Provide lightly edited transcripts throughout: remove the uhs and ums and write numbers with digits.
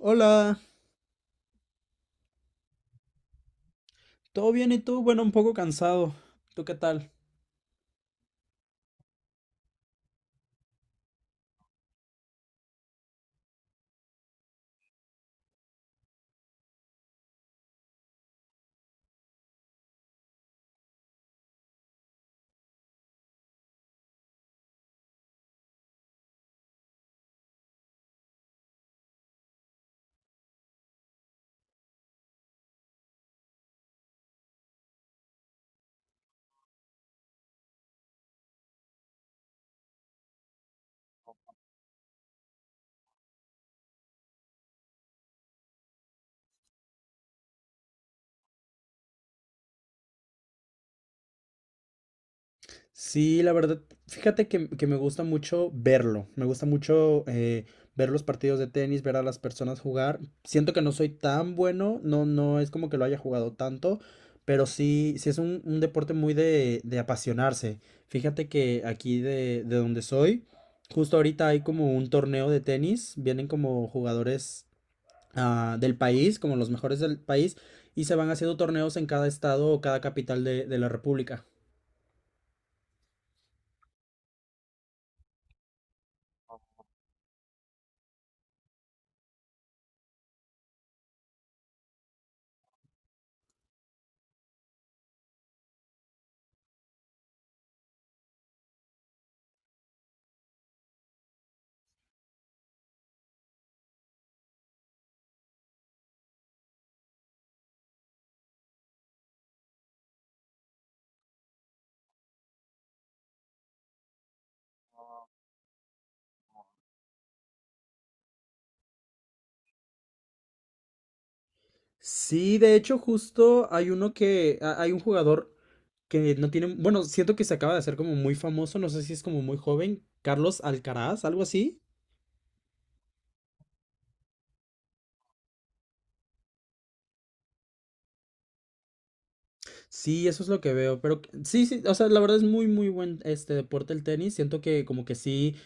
Hola, ¿todo bien y tú? Bueno, un poco cansado. ¿Tú qué tal? Sí, la verdad, fíjate que me gusta mucho verlo. Me gusta mucho ver los partidos de tenis, ver a las personas jugar. Siento que no soy tan bueno, no, no es como que lo haya jugado tanto, pero sí, sí es un deporte muy de apasionarse. Fíjate que aquí de donde soy, justo ahorita hay como un torneo de tenis. Vienen como jugadores del país, como los mejores del país, y se van haciendo torneos en cada estado o cada capital de la República. Sí, de hecho, justo hay uno que hay un jugador que no tiene, bueno, siento que se acaba de hacer como muy famoso, no sé si es como muy joven, Carlos Alcaraz, algo así. Sí, eso es lo que veo, pero sí, sí, o sea, la verdad es muy, muy buen este deporte el tenis, siento que como que sí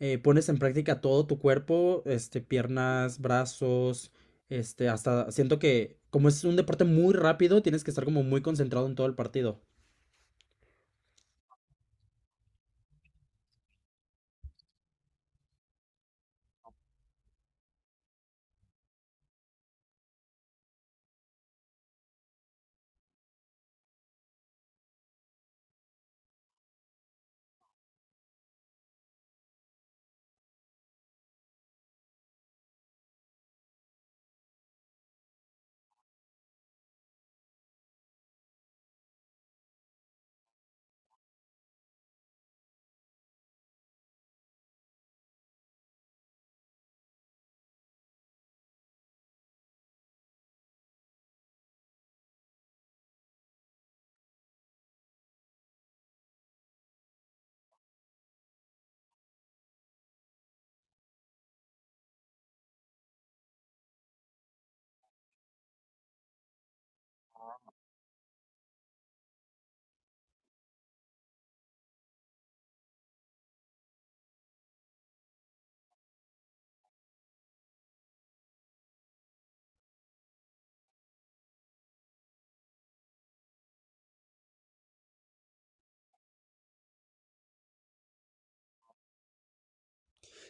pones en práctica todo tu cuerpo, este, piernas, brazos, este, hasta siento que como es un deporte muy rápido, tienes que estar como muy concentrado en todo el partido.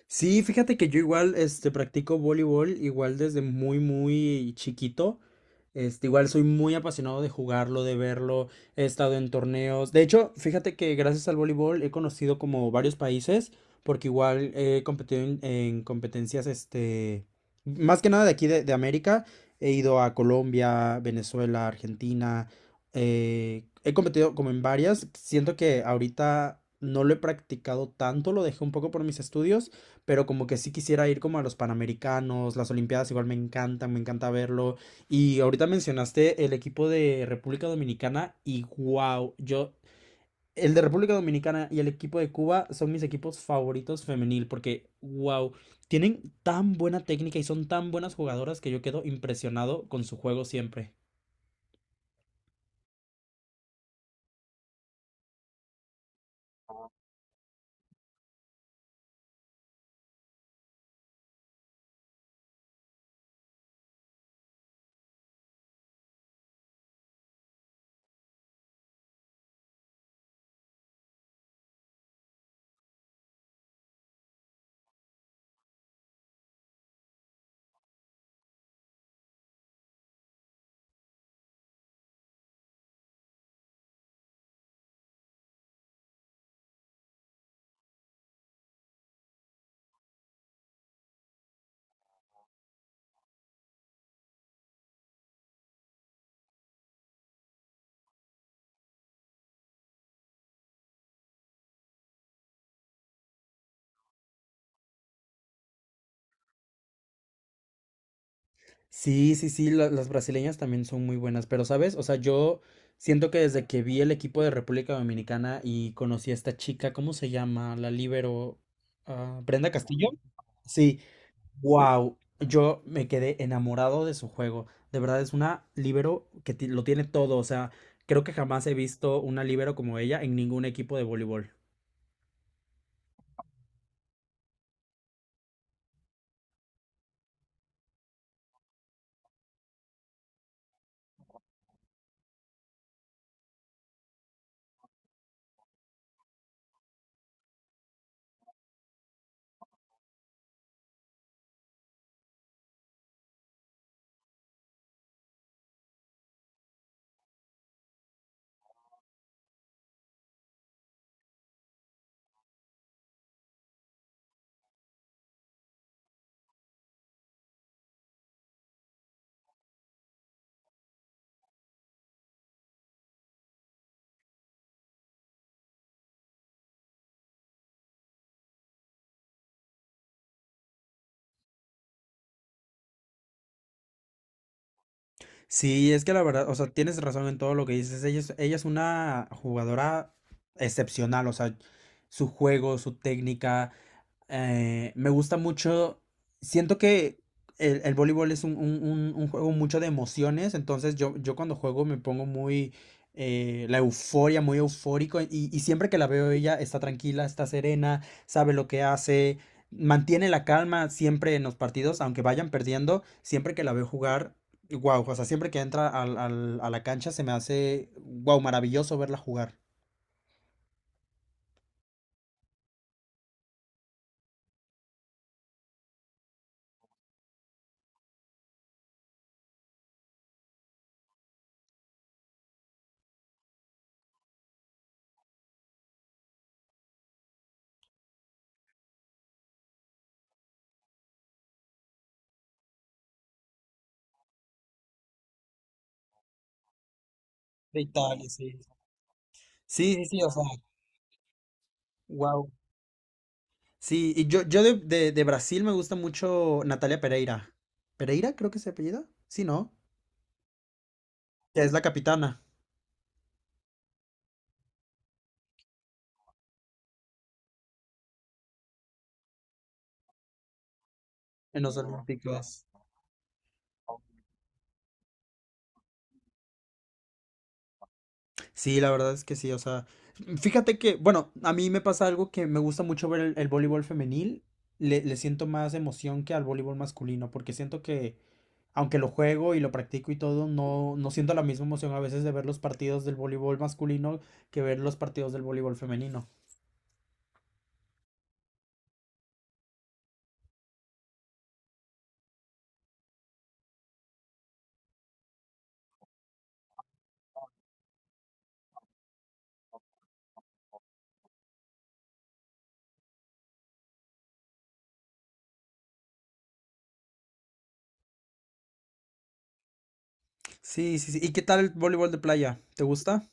Sí, fíjate que yo igual, este, practico voleibol, igual desde muy, muy chiquito. Este, igual soy muy apasionado de jugarlo, de verlo. He estado en torneos. De hecho, fíjate que gracias al voleibol he conocido como varios países, porque igual he competido en competencias, este, más que nada de aquí de América. He ido a Colombia, Venezuela, Argentina. He competido como en varias. Siento que ahorita no lo he practicado tanto, lo dejé un poco por mis estudios pero como que sí quisiera ir como a los Panamericanos, las Olimpiadas igual me encantan, me encanta verlo. Y ahorita mencionaste el equipo de República Dominicana y wow, yo, el de República Dominicana y el equipo de Cuba son mis equipos favoritos femenil porque wow, tienen tan buena técnica y son tan buenas jugadoras que yo quedo impresionado con su juego siempre. Sí, sí, sí, la- las brasileñas también son muy buenas, pero ¿sabes? O sea, yo siento que desde que vi el equipo de República Dominicana y conocí a esta chica, ¿cómo se llama? La líbero, ah, Brenda Castillo. Sí, wow, yo me quedé enamorado de su juego. De verdad es una líbero que lo tiene todo, o sea, creo que jamás he visto una líbero como ella en ningún equipo de voleibol. Sí, es que la verdad, o sea, tienes razón en todo lo que dices. Ella es una jugadora excepcional, o sea, su juego, su técnica, me gusta mucho, siento que el voleibol es un, un juego mucho de emociones, entonces yo cuando juego me pongo muy, la euforia, muy eufórico, y siempre que la veo ella está tranquila, está serena, sabe lo que hace, mantiene la calma siempre en los partidos, aunque vayan perdiendo, siempre que la veo jugar, wow, o sea, siempre que entra a la cancha se me hace, wow, maravilloso verla jugar. De Italia, sí. Sí, sí, sí, o sea, wow. Sí, y yo de, de Brasil me gusta mucho Natalia Pereira. ¿Pereira creo que es su apellido? Sí, ¿no? Que es la capitana en los Olímpicos. Sí, la verdad es que sí, o sea, fíjate que, bueno, a mí me pasa algo que me gusta mucho ver el voleibol femenil, le siento más emoción que al voleibol masculino, porque siento que, aunque lo juego y lo practico y todo, no, no siento la misma emoción a veces de ver los partidos del voleibol masculino que ver los partidos del voleibol femenino. Sí, sí, sí. ¿Y qué tal el voleibol de playa? ¿Te gusta?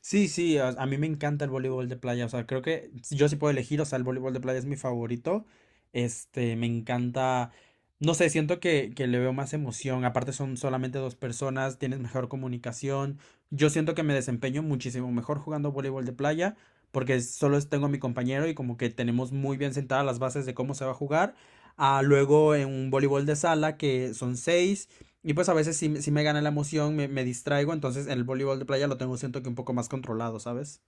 Sí, sí, a mí me encanta el voleibol de playa, o sea, creo que si yo sí puedo elegir, o sea, el voleibol de playa es mi favorito, este, me encanta, no sé, siento que le veo más emoción, aparte son solamente dos personas, tienes mejor comunicación, yo siento que me desempeño muchísimo mejor jugando voleibol de playa, porque tengo a mi compañero y como que tenemos muy bien sentadas las bases de cómo se va a jugar, a luego en un voleibol de sala que son seis, y pues a veces sí, sí me gana la emoción, me distraigo, entonces en el voleibol de playa lo tengo siento que un poco más controlado, ¿sabes?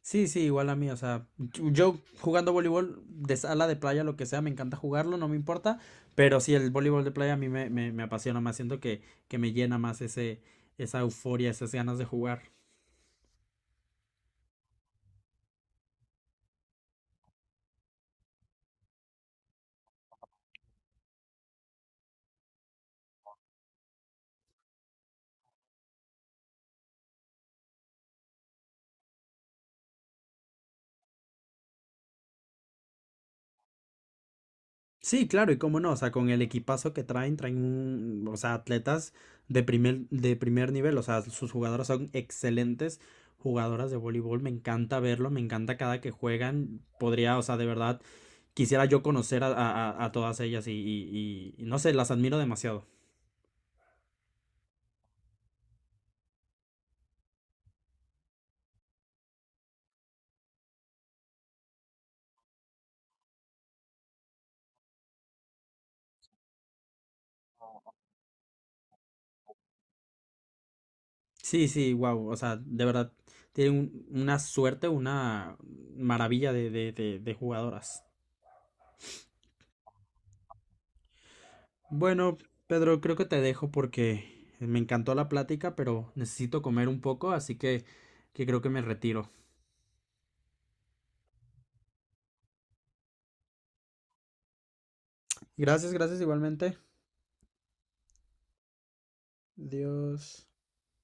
Sí, sí, igual a mí, o sea, yo jugando voleibol de sala, de playa, lo que sea, me encanta jugarlo, no me importa, pero sí, el voleibol de playa a mí me apasiona más, siento que me llena más ese, esa euforia, esas ganas de jugar. Sí, claro, y cómo no, o sea, con el equipazo que traen, traen un, o sea, atletas de primer nivel, o sea, sus jugadoras son excelentes jugadoras de voleibol, me encanta verlo, me encanta cada que juegan, podría, o sea, de verdad, quisiera yo conocer a, a todas ellas y, y no sé, las admiro demasiado. Sí, sí, wow, o sea, de verdad, tienen una suerte, una maravilla de jugadoras. Bueno, Pedro, creo que te dejo porque me encantó la plática, pero necesito comer un poco, así que creo que me retiro. Gracias, gracias igualmente. Dios.